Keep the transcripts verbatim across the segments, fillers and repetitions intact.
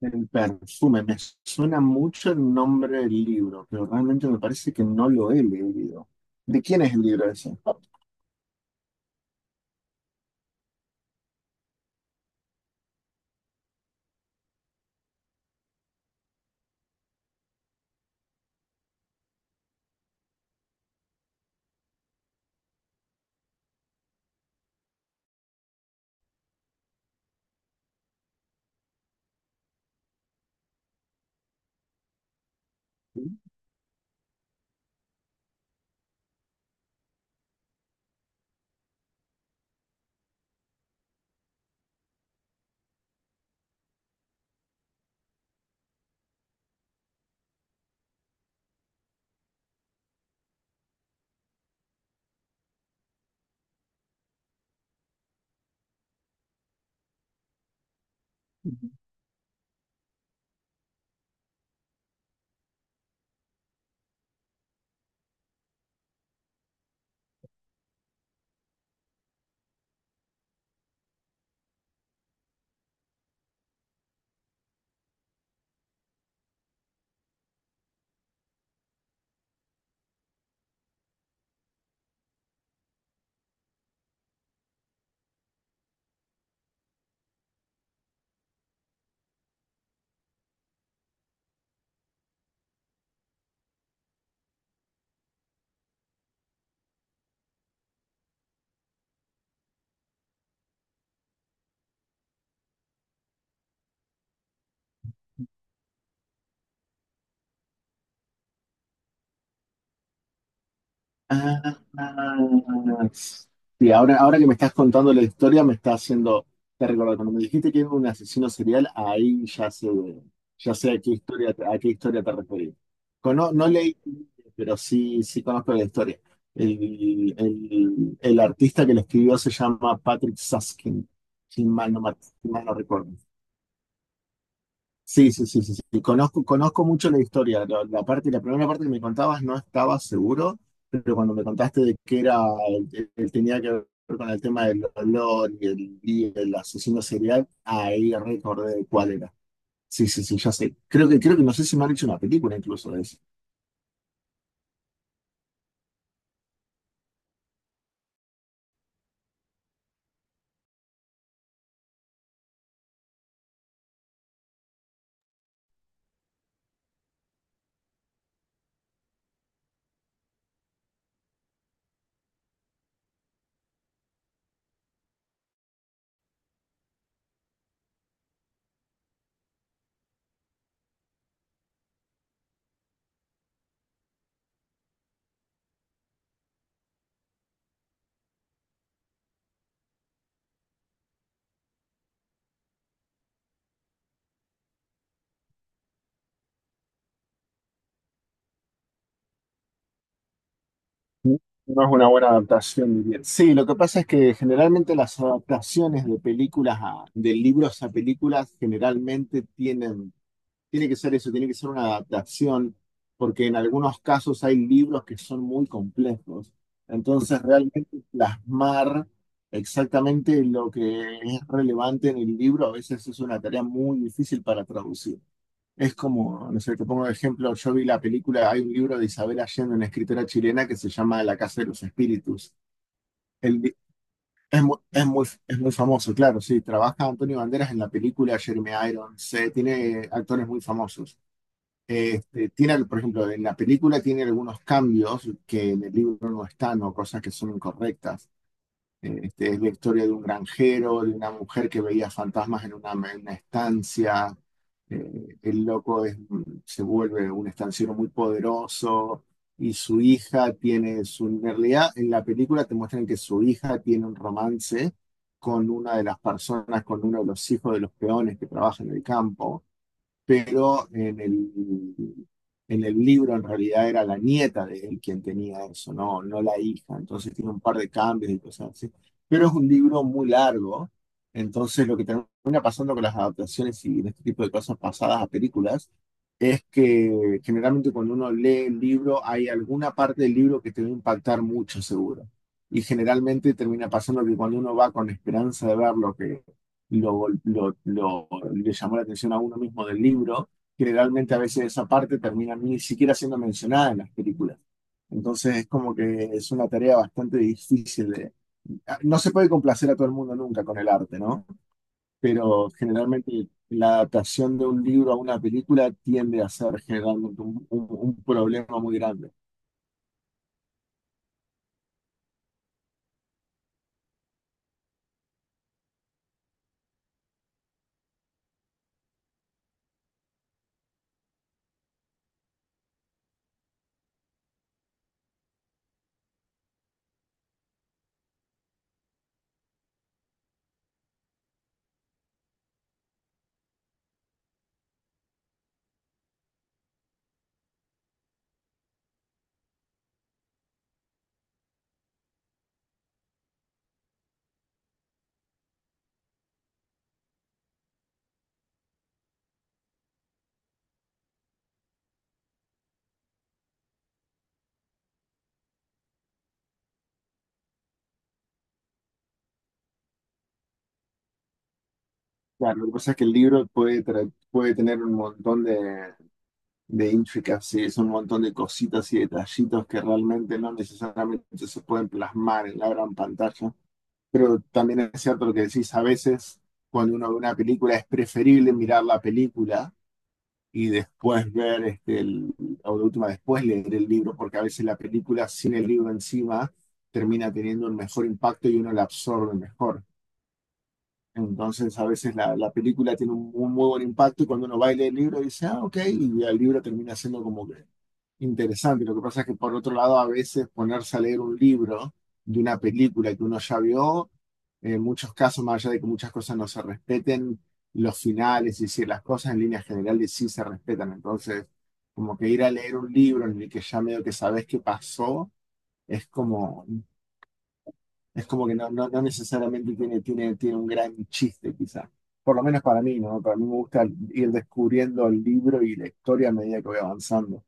El perfume, me suena mucho el nombre del libro, pero realmente me parece que no lo he leído. ¿De quién es el libro ese? Ah, sí, ahora, ahora que me estás contando la historia, me está haciendo, te recuerdo, cuando me dijiste que era un asesino serial, ahí ya sé, ya sé a qué historia, a qué historia te referís. Cono- no, no leí, pero sí, sí conozco la historia. El, el, el artista que lo escribió se llama Patrick Susskind, si mal no, me- si mal no recuerdo. Sí, sí, sí, sí, sí. Conozco, conozco mucho la historia. La, la parte, la primera parte que me contabas no estaba seguro, pero cuando me contaste de que era, eh, eh, tenía que ver con el tema del olor y el, y el asesino serial, ahí recordé cuál era. Sí, sí, sí, ya sé. Creo que, creo que no sé si me han hecho una película incluso de eso. No es una buena adaptación, diría. Sí, lo que pasa es que generalmente las adaptaciones de películas a, de libros a películas generalmente tienen. Tiene que ser eso, tiene que ser una adaptación, porque en algunos casos hay libros que son muy complejos. Entonces, realmente plasmar exactamente lo que es relevante en el libro a veces es una tarea muy difícil para traducir. Es como, no sé, te pongo un ejemplo, yo vi la película, hay un libro de Isabel Allende, una escritora chilena, que se llama La Casa de los Espíritus. El li- es muy, es muy, es muy famoso, claro, sí. Trabaja Antonio Banderas en la película, Jeremy Irons, eh, tiene actores muy famosos. Este, tiene, por ejemplo, en la película tiene algunos cambios que en el libro no están o cosas que son incorrectas. Este, es la historia de un granjero, de una mujer que veía fantasmas en una, en una estancia. Eh, el loco es- se vuelve un estanciero muy poderoso y su hija tiene su... en realidad, en la película te muestran que su hija tiene un romance con una de las personas, con uno de los hijos de los peones que trabaja en el campo, pero en el, en el libro en realidad era la nieta de él quien tenía eso, no, no la hija. Entonces tiene un par de cambios y cosas así. Pero es un libro muy largo, entonces lo que termina pasando con las adaptaciones y este tipo de cosas pasadas a películas es que generalmente cuando uno lee el libro hay alguna parte del libro que te va a impactar mucho, seguro. Y generalmente termina pasando que cuando uno va con esperanza de ver lo que lo, lo- lo- le llamó la atención a uno mismo del libro, generalmente a veces esa parte termina ni siquiera siendo mencionada en las películas. Entonces es como que es una tarea bastante difícil de... ah, No se puede complacer a todo el mundo nunca con el arte, ¿no? Pero generalmente la adaptación de un libro a una película tiende a ser generalmente un, un- un problema muy grande. Claro, lo que pasa es que el libro puede, tra- puede tener un montón de, de intricacies, un montón de cositas y detallitos que realmente no necesariamente se pueden plasmar en la gran pantalla. Pero también es cierto lo que decís, a veces cuando uno ve una película es preferible mirar la película y después ver, este, el, o de última, después leer el libro, porque a veces la película sin el libro encima termina teniendo un mejor impacto y uno la absorbe mejor. Entonces, a veces la, la película tiene un, un muy buen impacto y cuando uno va y lee el libro dice, ah, ok, y el libro termina siendo como que interesante. Lo que pasa es que por otro lado a veces ponerse a leer un libro de una película que uno ya vio, en muchos casos, más allá de que muchas cosas no se respeten, los finales y si las cosas en líneas generales sí se respetan, entonces como que ir a leer un libro en el que ya medio que sabes qué pasó, es como, es como que no, no, no necesariamente tiene, tiene, tiene un gran chiste quizá, por lo menos para mí, ¿no? Para mí me gusta ir descubriendo el libro y la historia a medida que voy avanzando.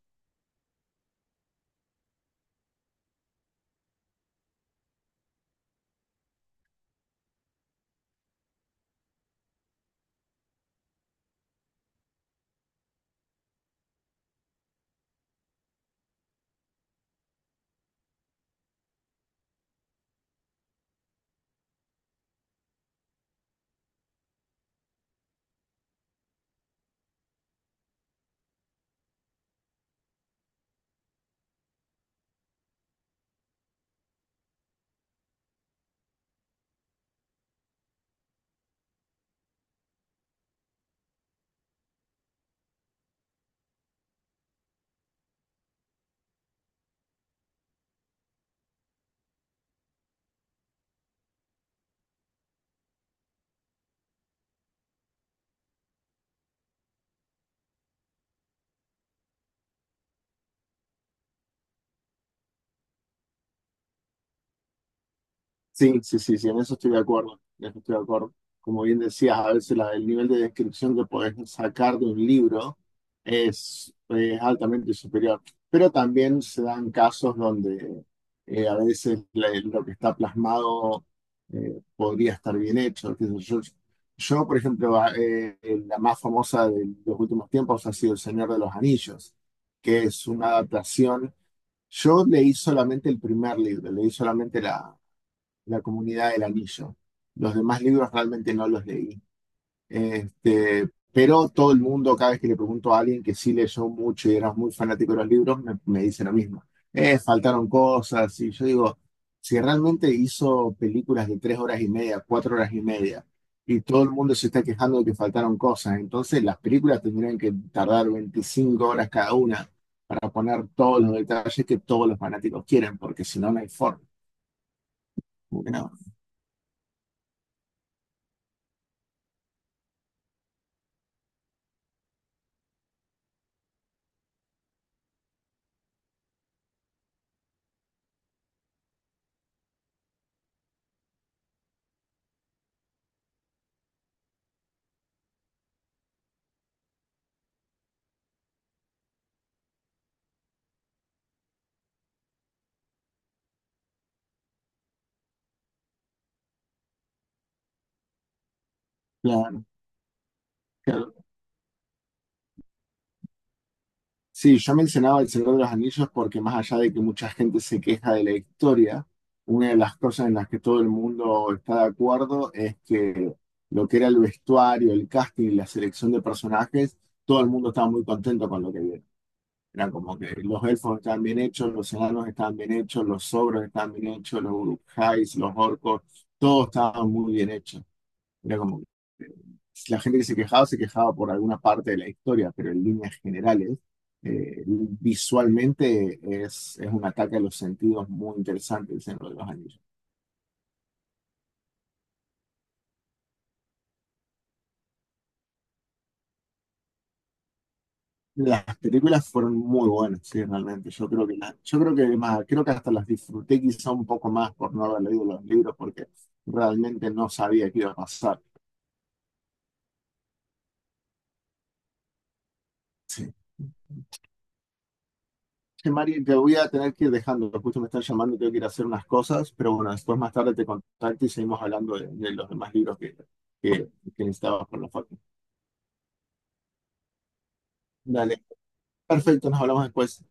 Sí, sí, sí, sí, en eso estoy de acuerdo, en eso estoy de acuerdo. Como bien decías, a veces la- el nivel de descripción que podés sacar de un libro es, es altamente superior, pero también se dan casos donde eh, a veces le- lo que está plasmado, eh, podría estar bien hecho, qué sé yo. Yo, por ejemplo, a- eh, eh, la más famosa de los últimos tiempos ha sido El Señor de los Anillos, que es una adaptación. Yo leí solamente el primer libro, leí solamente la la Comunidad del Anillo. Los demás libros realmente no los leí. Este, pero todo el mundo, cada vez que le pregunto a alguien que sí leyó mucho y era muy fanático de los libros, me, me dice lo mismo. Eh, faltaron cosas. Y yo digo, si realmente hizo películas de tres horas y media, cuatro horas y media, y todo el mundo se está quejando de que faltaron cosas, entonces las películas tendrían que tardar veinticinco horas cada una para poner todos los detalles que todos los fanáticos quieren, porque si no, no hay forma. Como que no, claro, claro. Sí, yo mencionaba El Señor de los Anillos porque más allá de que mucha gente se queja de la historia, una de las cosas en las que todo el mundo está de acuerdo es que lo que era el vestuario, el casting y la selección de personajes, todo el mundo estaba muy contento con lo que vieron. Era como que los elfos estaban bien hechos, los enanos estaban bien hechos, los ogros estaban bien hechos, los urukhais, los orcos, todos estaban muy bien hechos. Era como si la gente que se quejaba se quejaba por alguna parte de la historia, pero en líneas generales, eh, visualmente es, es un ataque a los sentidos muy interesante el Señor de los Anillos. Las películas fueron muy buenas, sí, realmente. Yo creo que, la- yo creo que más, creo que hasta las disfruté quizá un poco más por no haber leído los libros, porque realmente no sabía qué iba a pasar. Sí. Che, Mari, te voy a tener que ir dejando, justo me están llamando, tengo que ir a hacer unas cosas, pero bueno, después más tarde te contacto y seguimos hablando de, de los demás libros que, que, que necesitabas por la foto. Dale, perfecto, nos hablamos después.